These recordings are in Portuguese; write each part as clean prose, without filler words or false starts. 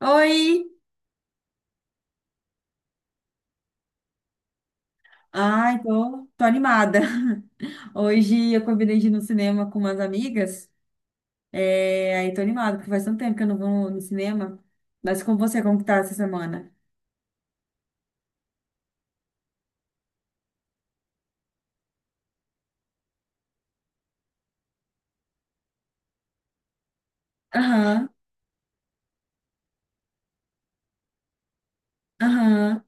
Oi! Ai, tô animada. Hoje eu combinei de ir no cinema com umas amigas. Aí tô animada, porque faz tanto tempo que eu não vou no cinema. Mas com você, como que tá essa semana? Aham, aham.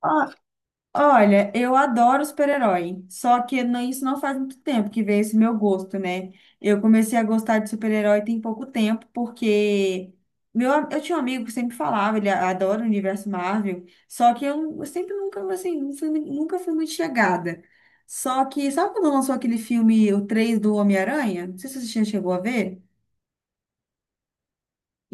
Ó, Olha, eu adoro super-herói, só que isso não faz muito tempo que veio esse meu gosto, né? Eu comecei a gostar de super-herói tem pouco tempo, porque eu tinha um amigo que sempre falava, ele adora o universo Marvel, só que eu sempre nunca, assim, nunca fui muito chegada. Só que, sabe quando lançou aquele filme, o 3 do Homem-Aranha? Não sei se você já chegou a ver.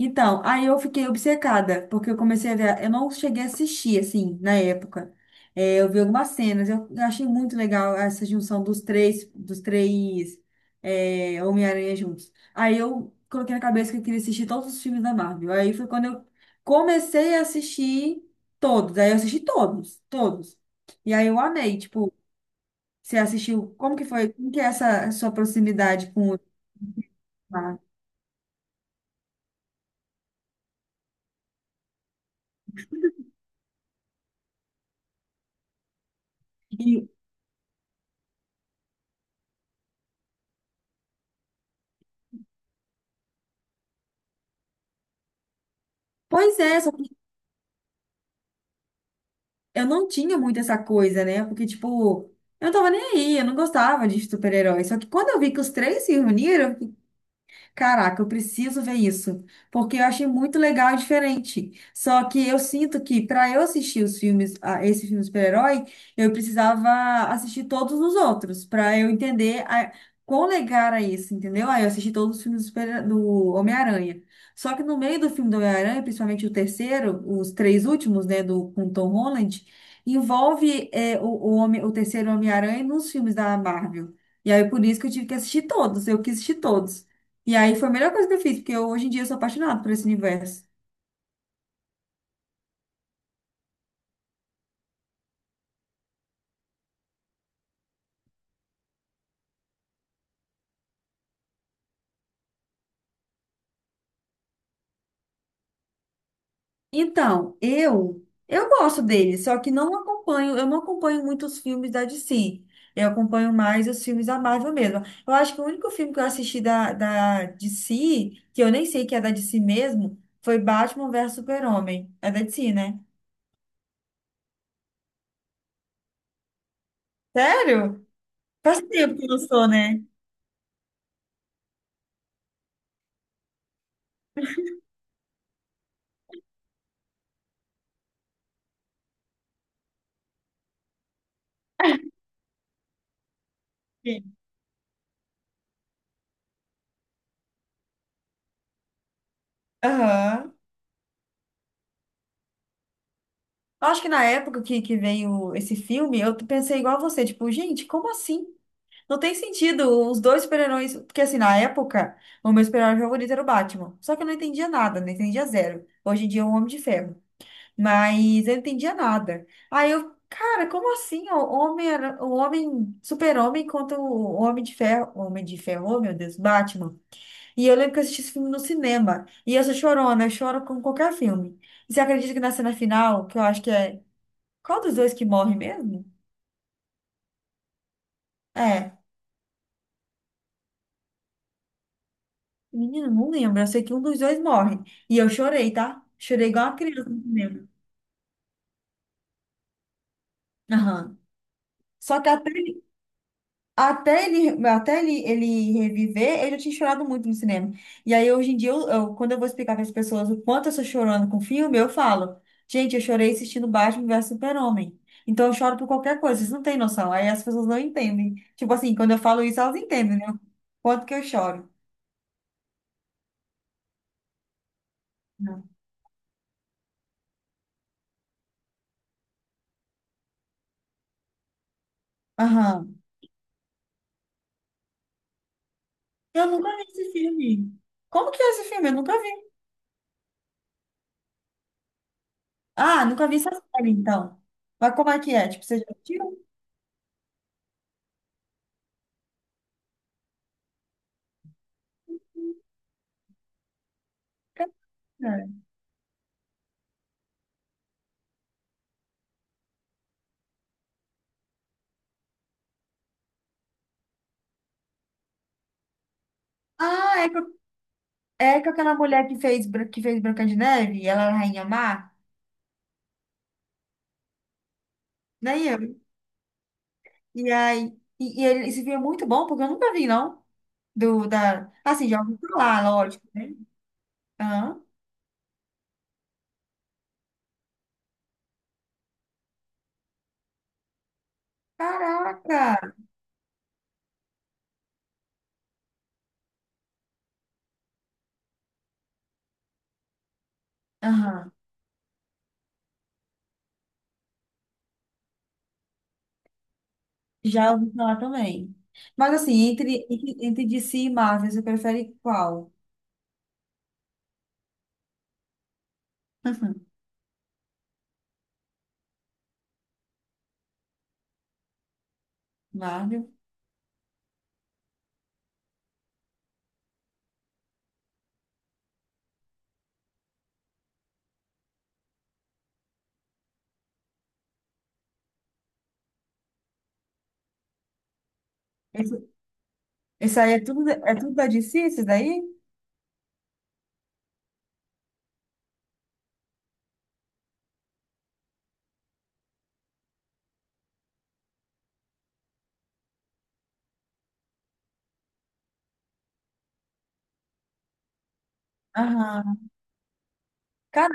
Então, aí eu fiquei obcecada, porque eu comecei a ver, eu não cheguei a assistir, assim, na época. É, eu vi algumas cenas, eu achei muito legal essa junção dos três é, Homem-Aranha juntos. Aí eu coloquei na cabeça que eu queria assistir todos os filmes da Marvel. Aí foi quando eu comecei a assistir todos, aí eu assisti todos, todos. E aí eu amei, tipo, você assistiu, como que foi, como que é essa sua proximidade com o Marvel? E, pois é, eu não tinha muito essa coisa, né? Porque, tipo, eu não tava nem aí, eu não gostava de super-herói. Só que quando eu vi que os três se reuniram, caraca, eu preciso ver isso, porque eu achei muito legal e diferente. Só que eu sinto que para eu assistir os filmes, a esse filme super-herói, eu precisava assistir todos os outros para eu entender a, quão legal era isso, entendeu? Aí eu assisti todos os filmes do, do Homem-Aranha. Só que no meio do filme do Homem-Aranha, principalmente o terceiro, os três últimos, né, do com Tom Holland, envolve é, homem, o terceiro Homem-Aranha nos filmes da Marvel. E aí, por isso que eu tive que assistir todos, eu quis assistir todos. E aí foi a melhor coisa que eu fiz, porque eu, hoje em dia eu sou apaixonada por esse universo. Então, eu gosto dele, só que não acompanho, eu não acompanho muito os filmes da DC. Eu acompanho mais os filmes da Marvel mesmo. Eu acho que o único filme que eu assisti da DC, que eu nem sei que é da DC mesmo, foi Batman Versus Super-Homem. É da DC, né? Sério? Faz tempo que lançou, né? Sim. Aham. Eu acho que na que veio esse filme, eu pensei igual a você, tipo, gente, como assim? Não tem sentido os dois super-heróis. Porque assim, na época, o meu super-herói favorito era o Batman. Só que eu não entendia nada, não entendia zero. Hoje em dia é um Homem de Ferro. Mas eu não entendia nada. Aí eu, cara, como assim? O homem, super-homem contra o Homem de Ferro. O Homem de Ferro, oh, meu Deus, Batman. E eu lembro que eu assisti esse filme no cinema. E eu sou chorona, eu choro com qualquer filme. E você acredita que na cena final, que eu acho que é. Qual dos dois que morre mesmo? É. Menina, não lembro. Eu sei que um dos dois morre. E eu chorei, tá? Chorei igual uma criança no cinema. Aham. Só que até ele, ele reviver, eu já tinha chorado muito no cinema. E aí, hoje em dia, quando eu vou explicar para as pessoas o quanto eu sou chorando com filme, eu falo, gente, eu chorei assistindo Batman versus Super-Homem. Então, eu choro por qualquer coisa. Vocês não têm noção. Aí as pessoas não entendem. Tipo assim, quando eu falo isso, elas entendem, né? o Quanto que eu choro. Não. Aham. Eu nunca vi esse filme. Como que é esse filme? Eu nunca vi. Ah, nunca vi essa série, então. Mas como é que é? Tipo, você já assistiu? Cara. Ah, é com aquela mulher que fez, que fez Branca de Neve, ela era a Rainha Má, né? E aí, e ele, esse filme é muito bom, porque eu nunca vi, não. Assim, já ouvi falar, lógico, né? Aham. Caraca! Aham. Já ouvi falar também. Mas assim, entre DC e Marvel, você prefere qual? Uhum. Marvel? Isso aí é tudo da DC, isso daí? Aham. Cara,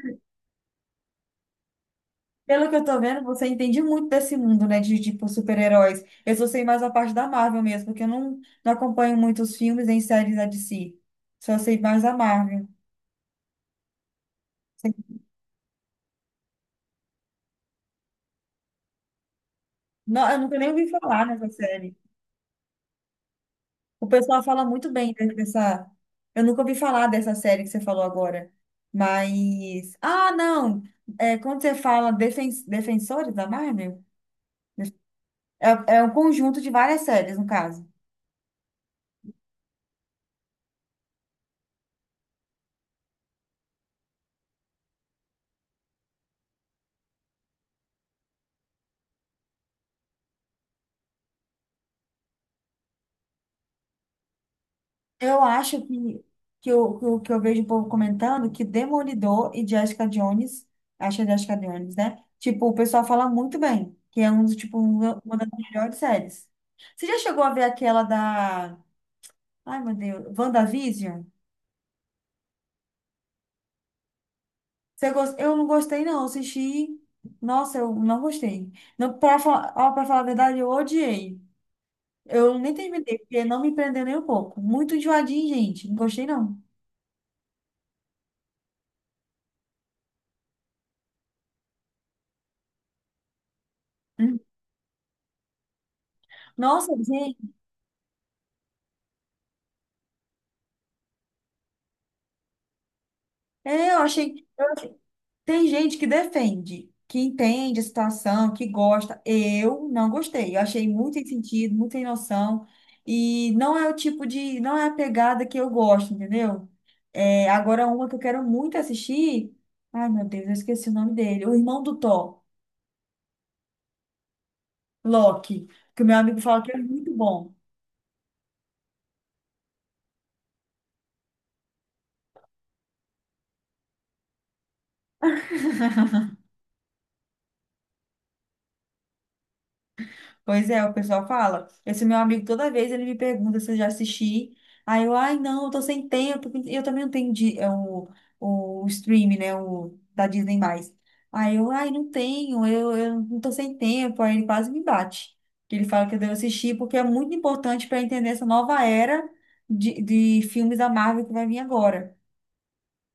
pelo que eu tô vendo, você entende muito desse mundo, né? De, tipo, super-heróis. Eu só sei mais a parte da Marvel mesmo, porque eu não, não acompanho muitos filmes nem séries da DC. Só sei mais da Marvel. Sei- Não, eu nunca nem ouvi falar nessa série. O pessoal fala muito bem dessa. Eu nunca ouvi falar dessa série que você falou agora. Mas. Ah, não! É, quando você fala defen... Defensores da Marvel, é um conjunto de várias séries, no caso. Eu acho que eu vejo o povo comentando que Demolidor e Jessica Jones, acho que é Jessica Jones, né? Tipo, o pessoal fala muito bem, que é uma das melhores séries. Você já chegou a ver aquela da. Ai, meu Deus. WandaVision? Eu não gostei, não. Eu assisti. Nossa, eu não gostei. Não, pra falar... ó, pra falar a verdade, eu odiei. Eu nem terminei, porque não me prendeu nem um pouco. Muito enjoadinho, gente. Não gostei, não. Hum. Nossa, gente. É, eu achei. Tem gente que defende, que entende a situação, que gosta. Eu não gostei. Eu achei muito sem sentido, muito sem noção. E não é não é a pegada que eu gosto, entendeu? É, agora, uma que eu quero muito assistir. Ai, meu Deus, eu esqueci o nome dele. O irmão do Thor, Loki, que o meu amigo fala que é muito bom. Pois é, o pessoal fala. Esse meu amigo, toda vez ele me pergunta se eu já assisti. Aí eu, ai, não, eu tô sem tempo. E eu também não tenho di- é, o stream, né? O da Disney+. Aí eu, ai, não tenho, eu não tô sem tempo. Aí ele quase me bate. Que ele fala que eu devo assistir, porque é muito importante para entender essa nova era de filmes da Marvel que vai vir agora.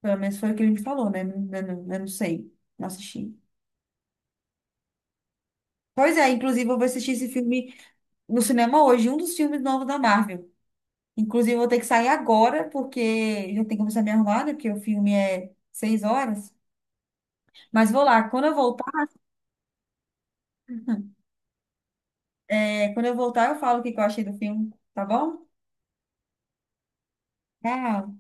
Pelo menos foi o que ele me falou, né? Eu não sei, não assisti. Pois é, inclusive eu vou assistir esse filme no cinema hoje, um dos filmes novos da Marvel. Inclusive, eu vou ter que sair agora, porque já tenho que começar a me arrumar, né? Porque o filme é 6 horas. Mas vou lá. Quando eu voltar, é, quando eu voltar, eu falo o que que eu achei do filme, tá bom? Tchau.